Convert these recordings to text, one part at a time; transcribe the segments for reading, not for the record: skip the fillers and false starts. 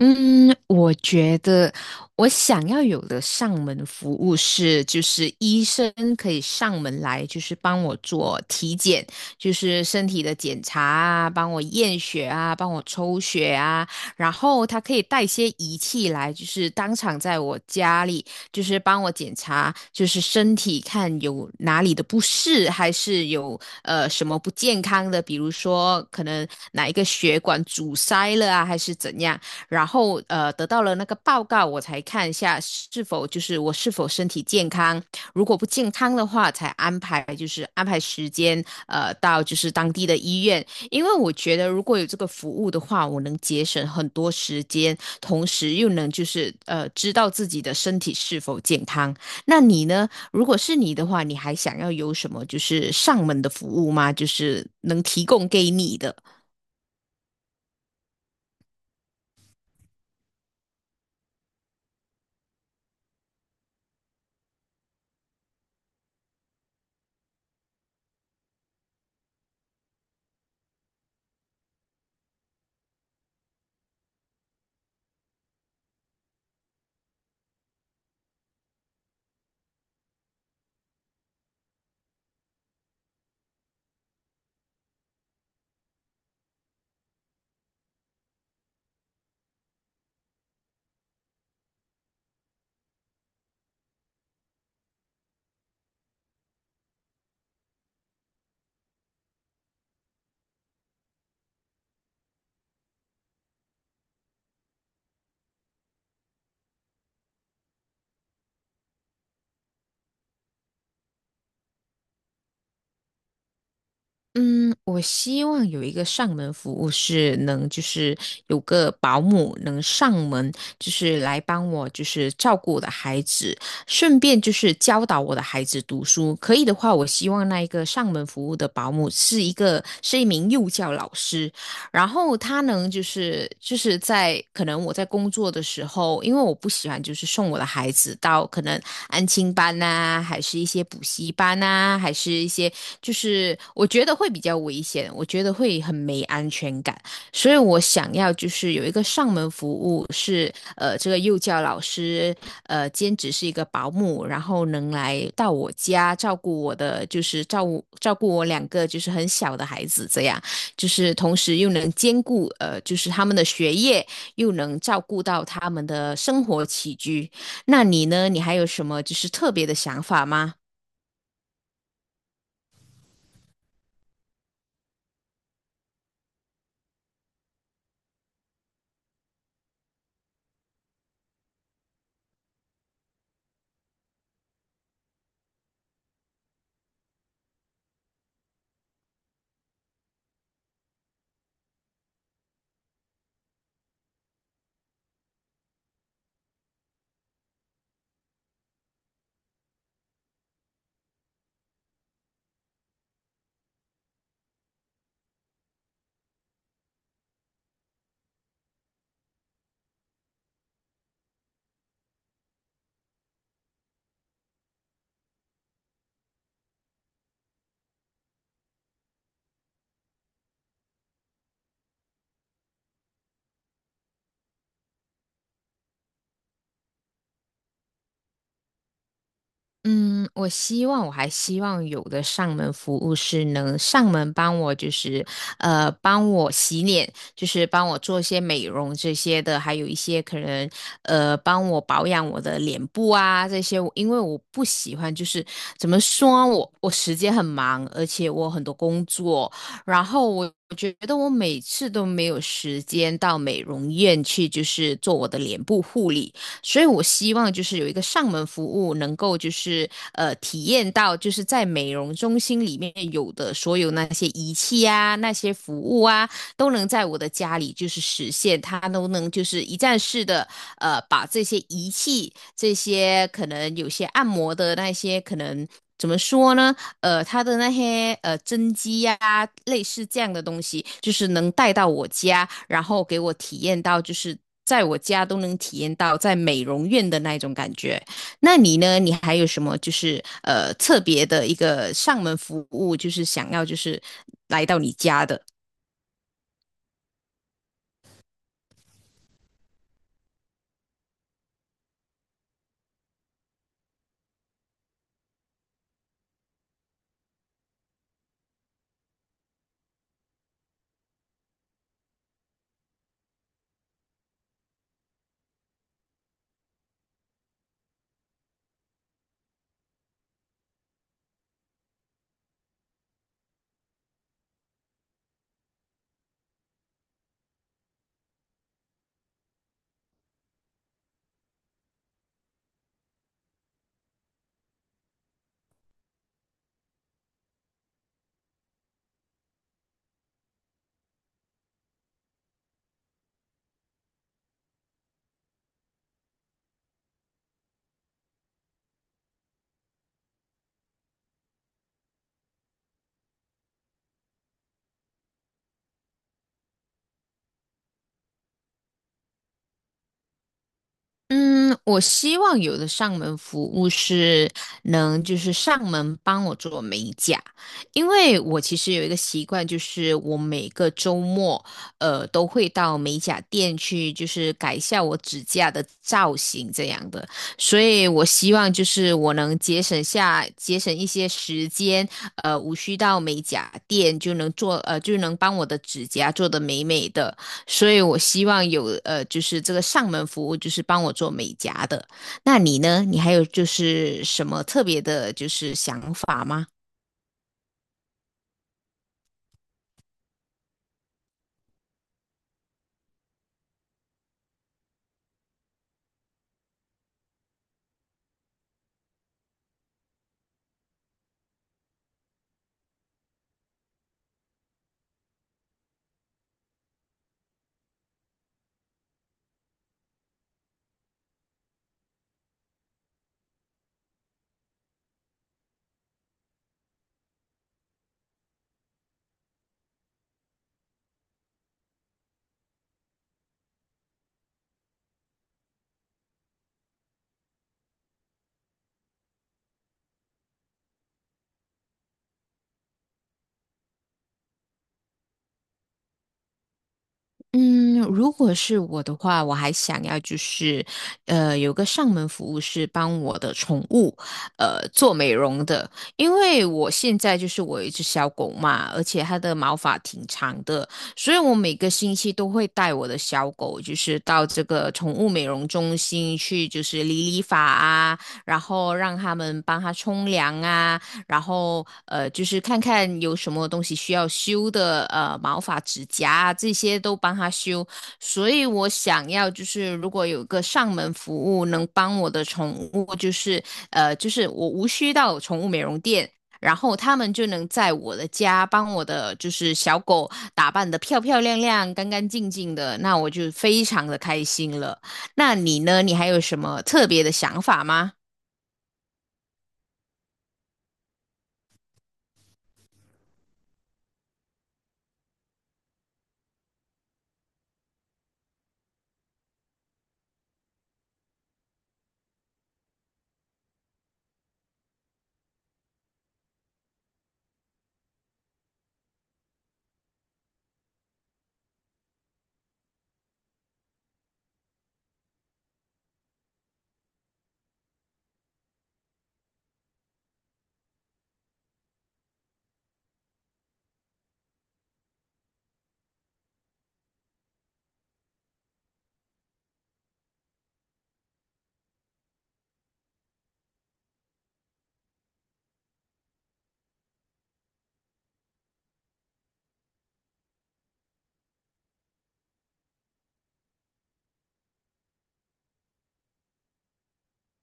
嗯，我觉得我想要有的上门服务是，就是医生可以上门来，就是帮我做体检，就是身体的检查啊，帮我验血啊，帮我抽血啊，然后他可以带些仪器来，就是当场在我家里，就是帮我检查，就是身体看有哪里的不适，还是有什么不健康的，比如说可能哪一个血管阻塞了啊，还是怎样。然后得到了那个报告，我才看一下是否就是我是否身体健康，如果不健康的话，才安排就是安排时间到就是当地的医院，因为我觉得如果有这个服务的话，我能节省很多时间，同时又能就是知道自己的身体是否健康。那你呢？如果是你的话，你还想要有什么就是上门的服务吗？就是能提供给你的？嗯，我希望有一个上门服务是能，就是有个保姆能上门，就是来帮我，就是照顾我的孩子，顺便就是教导我的孩子读书。可以的话，我希望那一个上门服务的保姆是一个是一名幼教老师，然后他能就是就是在可能我在工作的时候，因为我不喜欢就是送我的孩子到可能安亲班呐、还是一些补习班呐、还是一些就是我觉得会比较危险，我觉得会很没安全感，所以我想要就是有一个上门服务是这个幼教老师兼职是一个保姆，然后能来到我家照顾我的就是照顾我两个就是很小的孩子这样。就是同时又能兼顾就是他们的学业，又能照顾到他们的生活起居。那你呢？你还有什么就是特别的想法吗？嗯，我希望，我还希望有的上门服务是能上门帮我，帮我洗脸，就是帮我做一些美容这些的，还有一些可能帮我保养我的脸部啊这些，因为我不喜欢，就是怎么说，我时间很忙，而且我很多工作，然后我。我觉得我每次都没有时间到美容院去，就是做我的脸部护理。所以我希望就是有一个上门服务，能够就是体验到就是在美容中心里面有的所有那些仪器啊、那些服务啊，都能在我的家里就是实现，它都能就是一站式的，呃，把这些仪器、这些可能有些按摩的那些可能怎么说呢？呃，它的那些针机呀、类似这样的东西，就是能带到我家，然后给我体验到就是。在我家都能体验到在美容院的那种感觉。那你呢？你还有什么就是特别的一个上门服务，就是想要就是来到你家的？嗯，我希望有的上门服务是能就是上门帮我做美甲，因为我其实有一个习惯，就是我每个周末，呃，都会到美甲店去，就是改一下我指甲的造型这样的，所以我希望就是我能节省下节省一些时间，呃，无需到美甲店就能做，呃，就能帮我的指甲做得美美的。所以我希望有就是这个上门服务，就是帮我做美甲的。那你呢？你还有就是什么特别的，就是想法吗？嗯，如果是我的话，我还想要就是，呃，有个上门服务是帮我的宠物，呃，做美容的，因为我现在就是我有一只小狗嘛，而且它的毛发挺长的，所以我每个星期都会带我的小狗，就是到这个宠物美容中心去，就是理理发啊，然后让他们帮它冲凉啊。然后就是看看有什么东西需要修的，呃，毛发、指甲啊这些都帮他修。所以我想要就是如果有个上门服务能帮我的宠物，就是就是我无需到宠物美容店。然后他们就能在我的家帮我的就是小狗打扮得漂漂亮亮、干干净净的，那我就非常的开心了。那你呢？你还有什么特别的想法吗？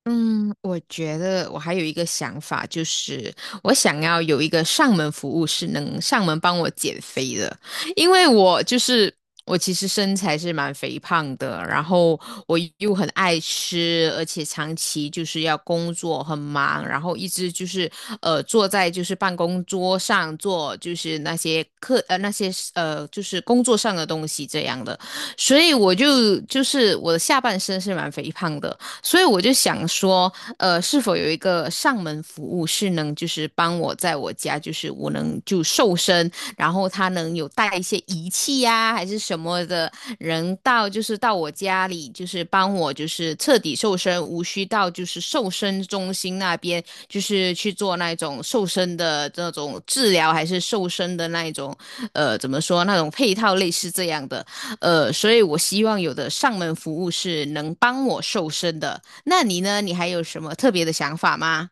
嗯，我觉得我还有一个想法，就是我想要有一个上门服务是能上门帮我减肥的，因为我就是我其实身材是蛮肥胖的，然后我又很爱吃，而且长期就是要工作很忙，然后一直就是坐在就是办公桌上做就是那些课那些就是工作上的东西这样的，所以我就就是我的下半身是蛮肥胖的。所以我就想说，呃，是否有一个上门服务是能就是帮我在我家，就是我能就瘦身，然后他能有带一些仪器呀、还是什么的，人到就是到我家里，就是帮我就是彻底瘦身，无需到就是瘦身中心那边，就是去做那种瘦身的那种治疗，还是瘦身的那一种，呃，怎么说那种配套类似这样的。呃，所以我希望有的上门服务是能帮我瘦身的。那你呢？你还有什么特别的想法吗？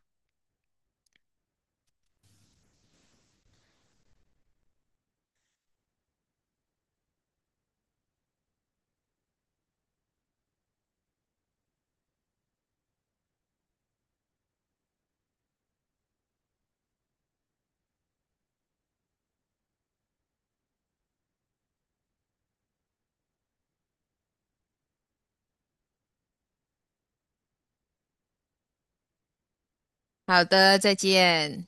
好的，再见。